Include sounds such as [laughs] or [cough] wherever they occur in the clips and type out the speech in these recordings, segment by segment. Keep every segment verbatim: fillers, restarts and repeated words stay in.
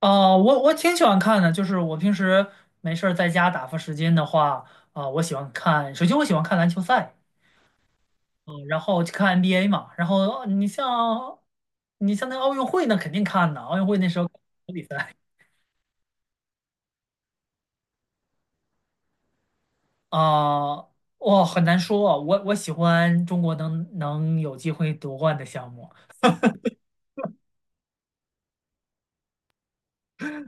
啊、我我挺喜欢看的，就是我平时没事儿在家打发时间的话，啊、我喜欢看。首先我喜欢看篮球赛，嗯、然后去看 N B A 嘛。然后呃你像你像那奥运会那肯定看的，奥运会那时候比赛啊。哇、很难说啊，我我喜欢中国能能有机会夺冠的项目。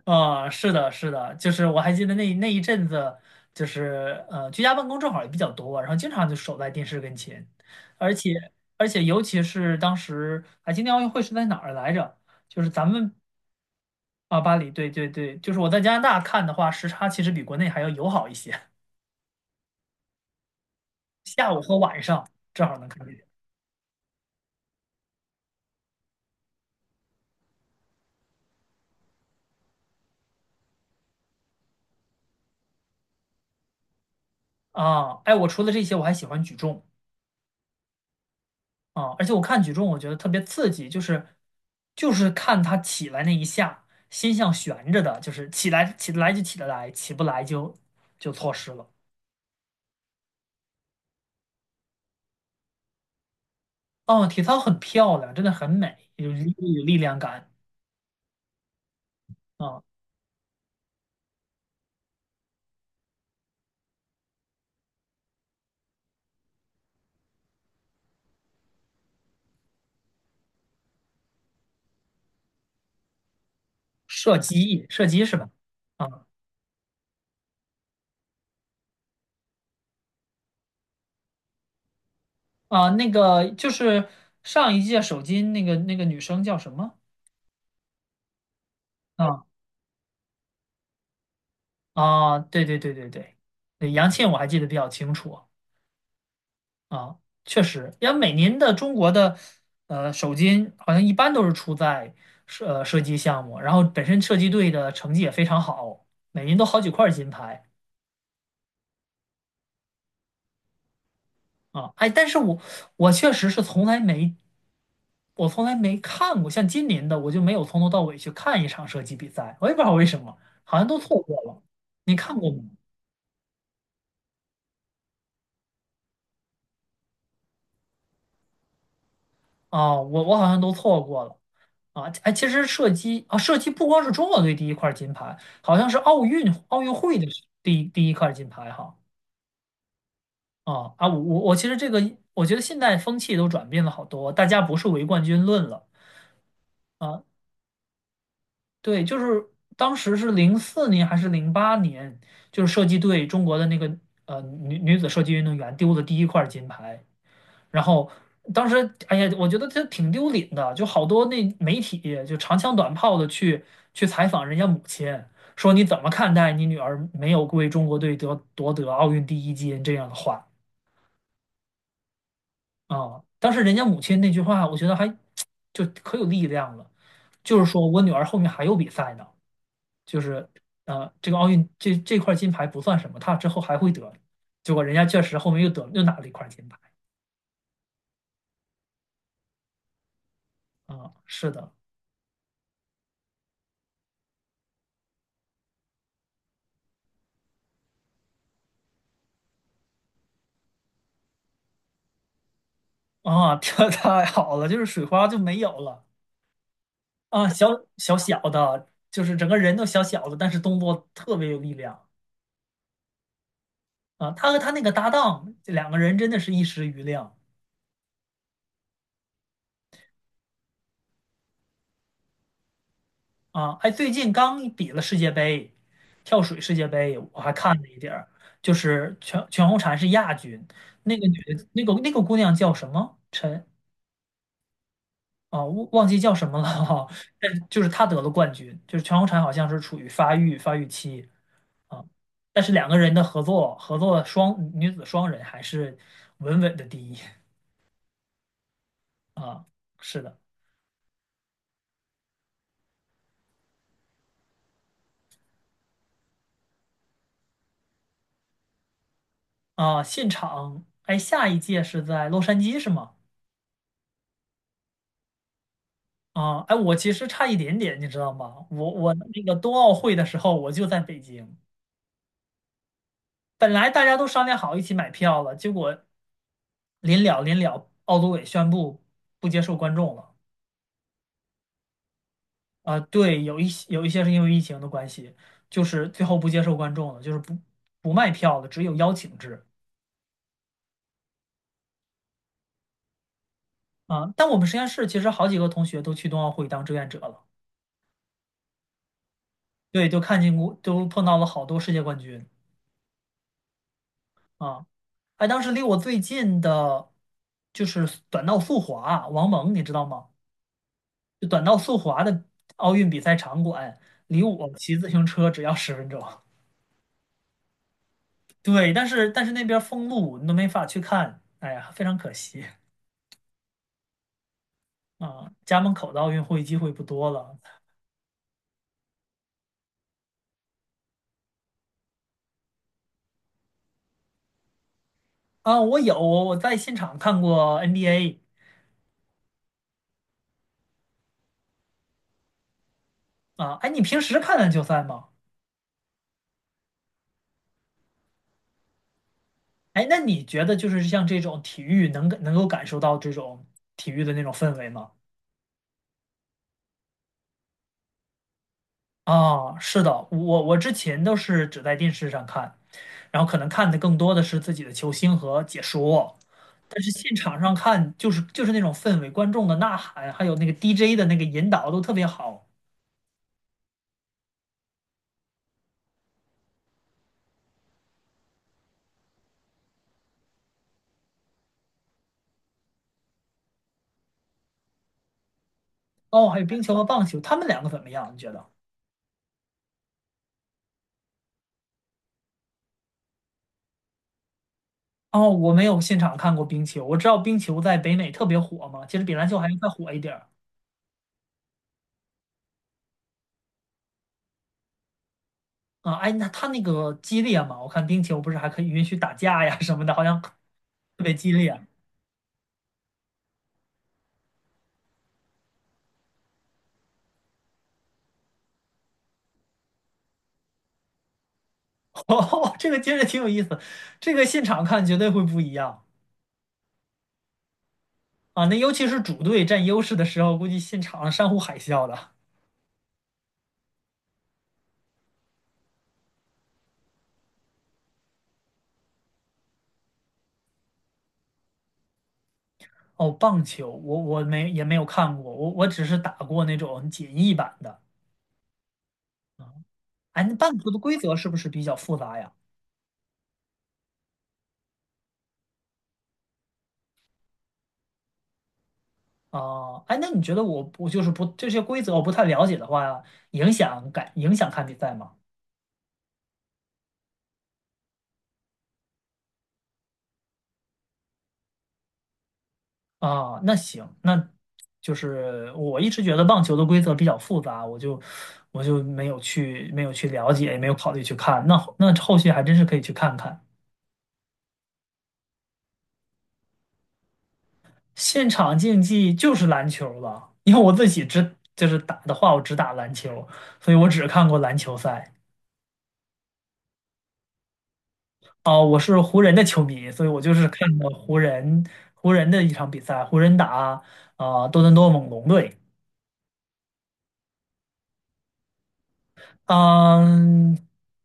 啊、是的，是的，就是我还记得那那一阵子，就是呃，居家办公正好也比较多，然后经常就守在电视跟前。而且而且尤其是当时啊，今年奥运会是在哪儿来着？就是咱们啊，巴黎，对对对，就是我在加拿大看的话，时差其实比国内还要友好一些。[laughs] 下午和晚上正好能看见啊。哎，我除了这些，我还喜欢举重。啊，而且我看举重，我觉得特别刺激，就是就是看他起来那一下，心像悬着的，就是起来起得来就起得来，起不来就就错失了。哦，体操很漂亮，真的很美，有力有力量感啊。射击，射击是吧？啊啊，那个就是上一届首金那个那个女生叫什么？啊啊，对对对对对，对杨倩我还记得比较清楚。啊，确实，因为每年的中国的呃首金好像一般都是出在射呃射击项目，然后本身射击队的成绩也非常好，每年都好几块金牌啊。哎，但是我我确实是从来没我从来没看过，像今年的我就没有从头到尾去看一场射击比赛，我也不知道为什么，好像都错过了。你看过吗？啊，我我好像都错过了啊！哎，其实射击啊，射击不光是中国队第一块金牌，好像是奥运奥运会的第第一块金牌哈。啊啊！我我我其实这个，我觉得现在风气都转变了好多，大家不是唯冠军论了啊。对，就是当时是零四年还是零八年，就是射击队中国的那个呃女女子射击运动员丢的第一块金牌，然后当时，哎呀，我觉得这挺丢脸的，就好多那媒体就长枪短炮的去去采访人家母亲，说你怎么看待你女儿没有为中国队得夺得奥运第一金这样的话。啊？当时人家母亲那句话，我觉得还 [tsk] 就可有力量了，就是说我女儿后面还有比赛呢，就是呃，这个奥运这这块金牌不算什么，她之后还会得，结果人家确实后面又得又拿了一块金牌啊，是的。啊，[laughs] 跳的太好了，就是水花就没有了啊。小小小的，就是整个人都小小的，但是动作特别有力量啊。他和他那个搭档，这两个人真的是一时瑜亮啊。哎，最近刚比了世界杯，跳水世界杯，我还看了一点儿，就是全全红婵是亚军，那个女的，那个那个姑娘叫什么？陈啊，忘忘记叫什么了哈、[laughs] 但就是她得了冠军，就是全红婵好像是处于发育发育期。啊，但是两个人的合作合作双女子双人还是稳稳的第一啊，是的啊。现场哎，下一届是在洛杉矶是吗？啊，哎，我其实差一点点，你知道吗？我我那个冬奥会的时候我就在北京，本来大家都商量好一起买票了，结果临了临了，奥组委宣布不接受观众了。啊、对，有一些有一些是因为疫情的关系，就是最后不接受观众了，就是不不卖票了，只有邀请制。啊，但我们实验室其实好几个同学都去冬奥会当志愿者了。对，就看见过，都碰到了好多世界冠军啊。哎，当时离我最近的，就是短道速滑，王蒙，你知道吗？就短道速滑的奥运比赛场馆，离我骑自行车只要十分钟。对，但是但是那边封路，你都没法去看，哎呀，非常可惜啊。家门口的奥运会机会不多了啊。我有，我在现场看过 N B A 啊。哎，你平时看篮球赛吗？哎，那你觉得就是像这种体育能感能够感受到这种体育的那种氛围吗？啊，是的，我我之前都是只在电视上看，然后可能看的更多的是自己的球星和解说，但是现场上看就是就是那种氛围，观众的呐喊，还有那个 D J 的那个引导都特别好。哦，还有冰球和棒球，他们两个怎么样？你觉得？哦，我没有现场看过冰球，我知道冰球在北美特别火嘛，其实比篮球还要再火一点儿。啊，哎，那他那个激烈嘛，我看冰球不是还可以允许打架呀什么的，好像特别激烈。[laughs] 哦，这个听着挺有意思，这个现场看绝对会不一样啊。那尤其是主队占优势的时候，估计现场山呼海啸的。哦，棒球我我没也没有看过，我我只是打过那种简易版的。哎，那棒球的规则是不是比较复杂呀？啊，哎，那你觉得我我就是不这些规则我不太了解的话，影响感影响看比赛吗？啊，那行，那就是我一直觉得棒球的规则比较复杂，我就我就没有去没有去了解，也没有考虑去看。那后那后续还真是可以去看看。现场竞技就是篮球了，因为我自己只就是打的话，我只打篮球，所以我只看过篮球赛。哦，我是湖人的球迷，所以我就是看的湖人湖人的一场比赛，湖人打啊、呃多伦多猛龙队。嗯，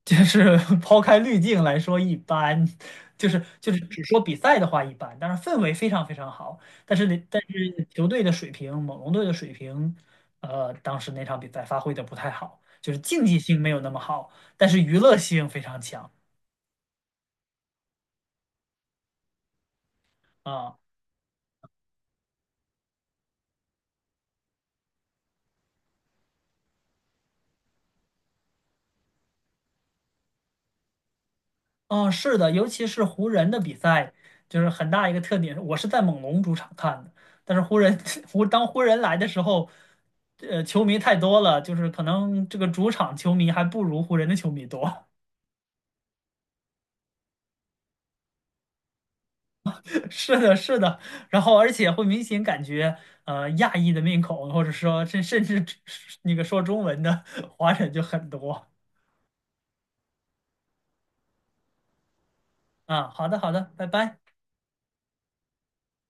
就是 [laughs] 抛开滤镜来说，一般，就是就是只说比赛的话一般，但是氛围非常非常好，但是那但是球队的水平，猛龙队的水平，呃，当时那场比赛发挥的不太好，就是竞技性没有那么好，但是娱乐性非常强啊。嗯，是的，尤其是湖人的比赛，就是很大一个特点。我是在猛龙主场看的，但是湖人 [laughs] 湖当湖人来的时候，呃，球迷太多了，就是可能这个主场球迷还不如湖人的球迷多。[laughs] 是的，是的，然后而且会明显感觉，呃，亚裔的面孔，或者说甚甚至 [laughs] 那个说中文的 [laughs] 华人就很多啊。好的，好的，拜拜。